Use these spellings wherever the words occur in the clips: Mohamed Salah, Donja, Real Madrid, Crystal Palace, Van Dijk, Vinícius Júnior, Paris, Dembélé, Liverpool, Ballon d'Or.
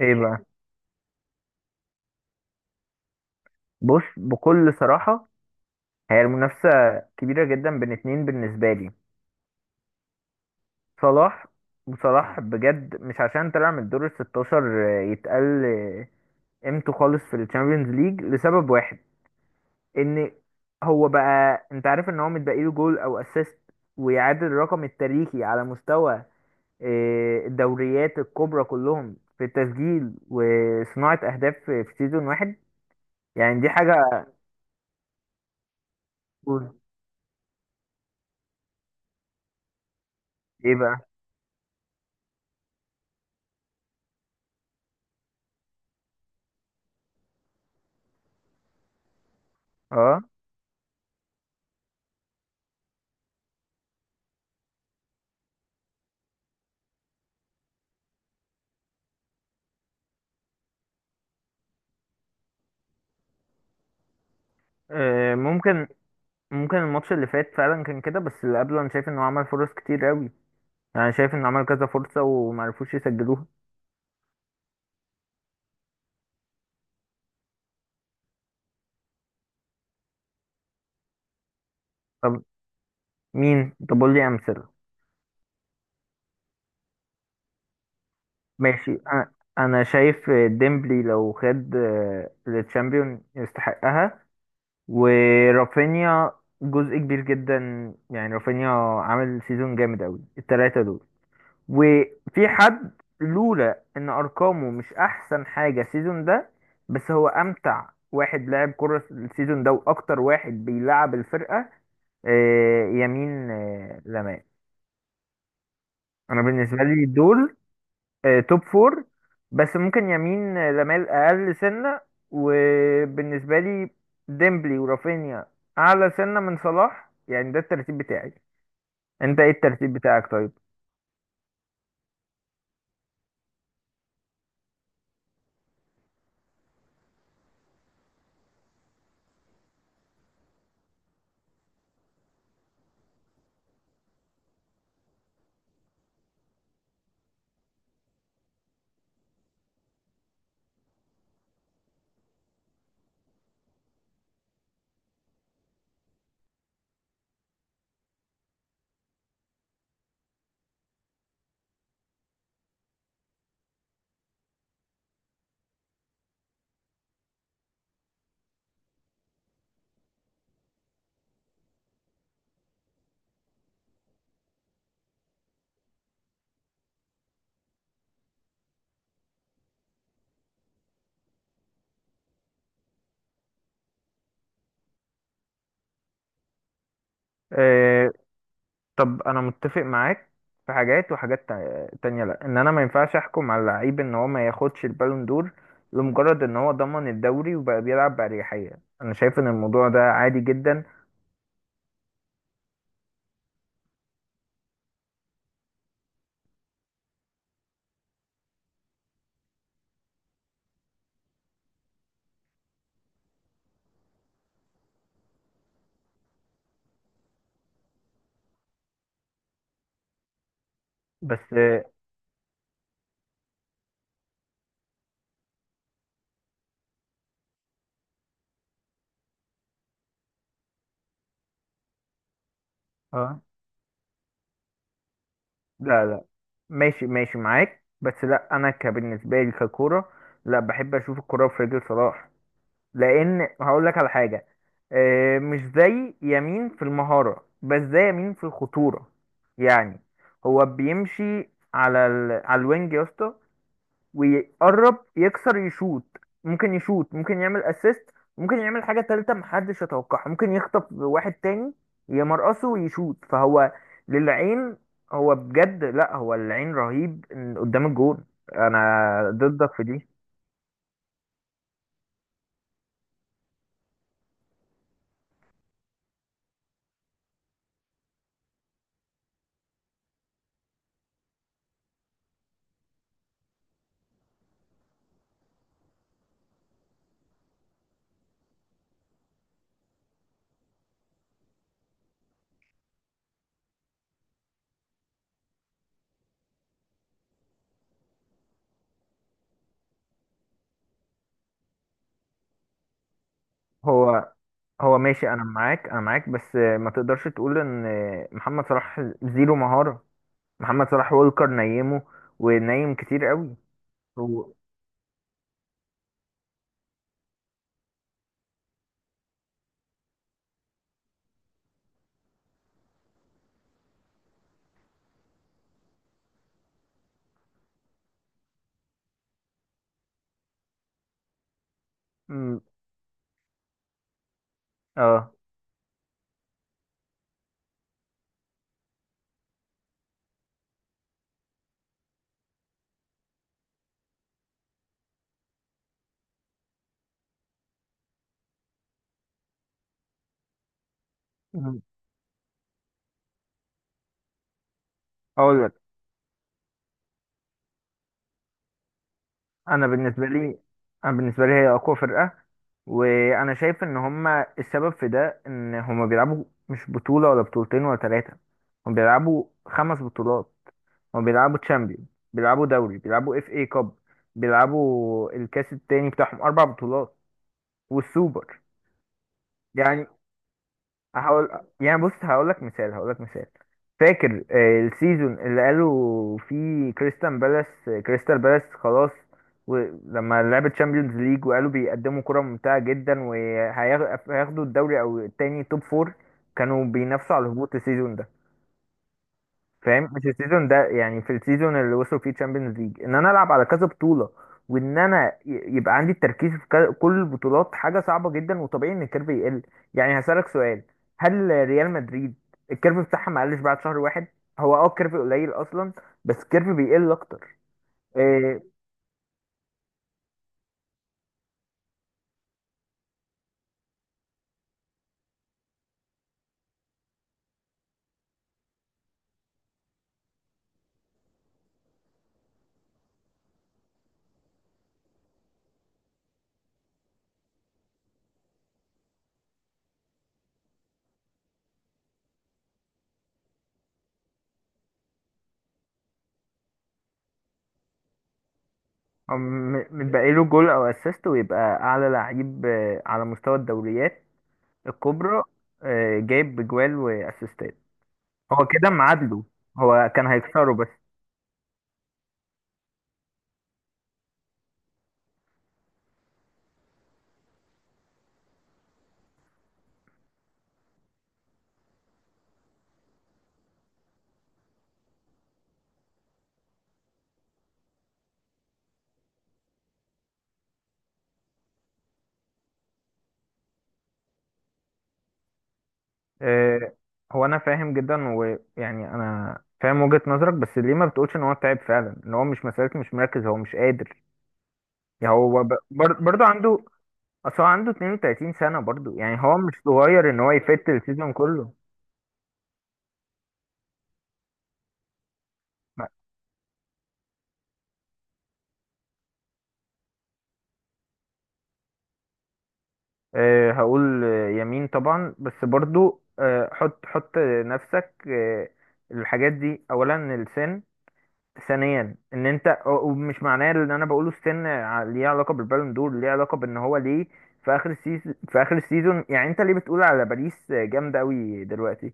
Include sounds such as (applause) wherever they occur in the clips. ايه بقى؟ بص، بكل صراحة هي المنافسة كبيرة جدا بين اتنين بالنسبة لي، صلاح. وصلاح بجد مش عشان طلع من الدور ال 16 يتقل قيمته خالص في الشامبيونز ليج لسبب واحد، ان هو بقى، انت عارف ان هو متبقي له جول او اسيست ويعادل الرقم التاريخي على مستوى الدوريات الكبرى كلهم في التسجيل وصناعة اهداف في سيزون واحد. يعني دي حاجة. ايه بقى؟ اه. ممكن. ممكن الماتش اللي فات فعلا كان كده، بس اللي قبله انا شايف انه عمل فرص كتير قوي. يعني شايف انه عمل كذا فرصة ومعرفوش يسجلوها. طب مين؟ طب قول لي امثله. ماشي. انا شايف ديمبلي لو خد التشامبيون يستحقها. ورافينيا جزء كبير جدا، يعني رافينيا عامل سيزون جامد قوي، التلاتة دول. وفي حد، لولا ان ارقامه مش احسن حاجه السيزون ده، بس هو امتع واحد لعب كرة السيزون ده واكتر واحد بيلعب الفرقه، يمين لمال. انا بالنسبه لي دول توب فور، بس ممكن يمين لمال اقل سنه. وبالنسبه لي ديمبلي ورافينيا اعلى سنه من صلاح، يعني ده الترتيب بتاعي. انت ايه الترتيب بتاعك طيب؟ آه، طب انا متفق معاك في حاجات، وحاجات تانية لا، ان انا ما ينفعش احكم على لعيب ان هو ما ياخدش البالون دور لمجرد ان هو ضمن الدوري وبقى بيلعب بأريحية. انا شايف ان الموضوع ده عادي جدا. بس اه. لا لا، ماشي ماشي معاك، بس لا انا كبالنسبة لي ككورة، لا بحب اشوف الكورة في رجل صلاح. لان هقول لك على حاجه، مش زي يمين في المهاره، بس زي يمين في الخطوره. يعني هو بيمشي على على الوينج يا اسطى، ويقرب يكسر يشوت. ممكن يشوت، ممكن يعمل اسيست، ممكن يعمل حاجه تالته محدش يتوقعها، ممكن يخطف واحد تاني يمرقصه ويشوت. فهو للعين، هو بجد، لا هو العين رهيب قدام الجون. انا ضدك في دي. هو هو ماشي، انا معاك انا معاك، بس ما تقدرش تقول ان محمد صلاح زيرو مهارة. محمد صلاح وولكر نيمه، ونيم كتير قوي. هو. مم، اه. مم. اقول لك. انا بالنسبة لي، انا بالنسبة لي هي اقوى فرقة، وانا شايف ان هما السبب في ده ان هما بيلعبوا مش بطولة ولا بطولتين ولا ثلاثة. هما بيلعبوا خمس بطولات. هما بيلعبوا تشامبيون، بيلعبوا دوري، بيلعبوا اف اي كاب، بيلعبوا الكاس التاني بتاعهم، اربع بطولات والسوبر. يعني هقول يعني بص، هقول لك مثال، هقول لك مثال. فاكر السيزون اللي قالوا فيه كريستال بالاس؟ كريستال بالاس خلاص، ولما لعبت تشامبيونز ليج وقالوا بيقدموا كرة ممتعة جدا وهياخدوا الدوري او التاني توب فور، كانوا بينافسوا على الهبوط السيزون ده. فاهم؟ مش السيزون ده، يعني في السيزون اللي وصلوا فيه تشامبيونز ليج، ان انا العب على كذا بطوله وان انا يبقى عندي التركيز في كل البطولات حاجه صعبه جدا، وطبيعي ان الكيرف يقل. يعني هسالك سؤال، هل ريال مدريد الكيرف بتاعها ما قلش بعد شهر واحد؟ هو اه الكيرف قليل اصلا، بس الكيرف بيقل اكتر. إيه بقى له جول او اسيست ويبقى اعلى لعيب على مستوى الدوريات الكبرى، جايب بجوال واسيستات. هو كده معادله. هو كان هيكسره بس. آه، هو انا فاهم جدا، ويعني انا فاهم وجهة نظرك، بس ليه ما بتقولش ان هو تعب فعلا؟ ان هو مش مسألة مش مركز، هو مش قادر. يعني هو برضه عنده، اصل هو عنده 32 سنة برضه، يعني هو مش صغير ان هو يفت السيزون كله. هقول يمين طبعا، بس برضه حط حط نفسك الحاجات دي. اولا السن، ثانيا ان انت ومش معناه ان انا بقوله استنى ليه علاقه بالبالون دور، ليه علاقه بان هو ليه في اخر السيزون، في اخر السيزون. يعني انت ليه بتقول على باريس جامده قوي دلوقتي؟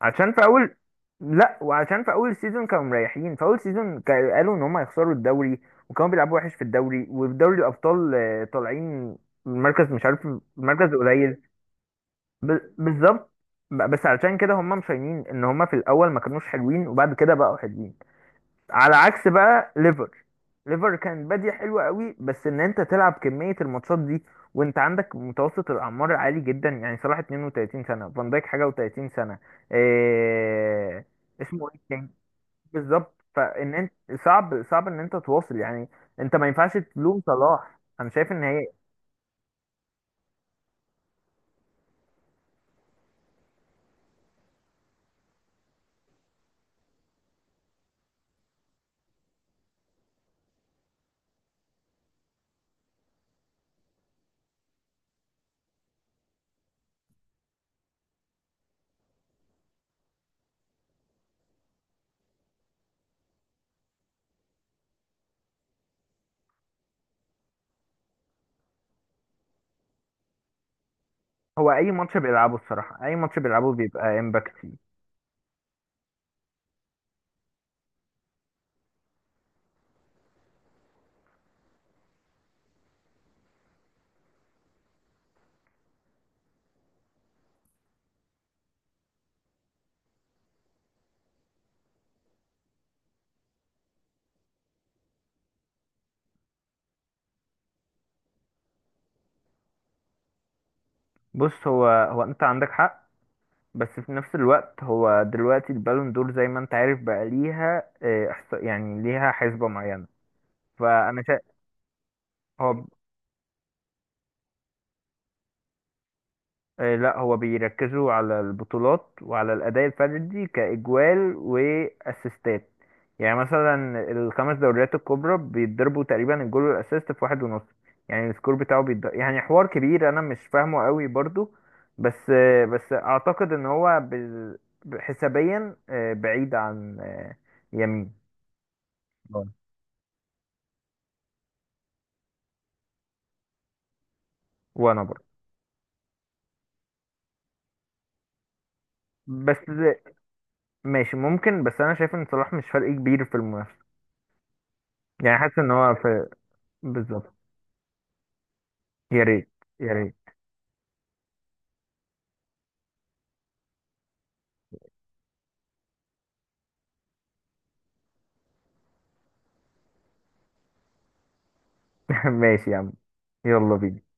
عشان في اول. لا، وعشان في اول سيزون كانوا مريحين، في اول سيزون قالوا ان هم هيخسروا الدوري وكانوا بيلعبوا وحش في الدوري، وفي دوري الابطال طالعين المركز مش عارف. المركز قليل. بالظبط. بس علشان كده هم مشينين ان هم في الاول ما كانوش حلوين وبعد كده بقوا حلوين. على عكس بقى ليفر. ليفر كان بادية حلوة قوي، بس ان انت تلعب كمية الماتشات دي وانت عندك متوسط الاعمار عالي جدا، يعني صلاح 32 سنة، فان دايك حاجة و30 سنة، إيه... اسمه ايه التاني؟ بالظبط، فان انت صعب، صعب ان انت تواصل. يعني انت ما ينفعش تلوم صلاح، انا شايف ان هي. هو اي ماتش بيلعبه الصراحة، اي ماتش بيلعبه بيبقى امباكت فيه. بص، هو انت عندك حق، بس في نفس الوقت هو دلوقتي البالون دور زي ما انت عارف بقى ليها يعني ليها حسبة معينة. فانا شا... هو ب- لا هو بيركزوا على البطولات وعلى الأداء الفردي كإجوال وأسيستات. يعني مثلا الخمس دوريات الكبرى بيتضربوا تقريبا، الجول والأسيست في واحد ونص، يعني السكور بتاعه بيتضرب. يعني حوار كبير أنا مش فاهمه قوي برضو، بس بس أعتقد إن هو حسابيا بعيد عن يمين. وانا برضه. بس ماشي ممكن، بس انا شايف ان صلاح مش فرق كبير في المنافسه. يعني حاسس ان هو في. بالظبط. يا ريت. يا ريت. (laughs) ماشي يا عم. يلا بينا.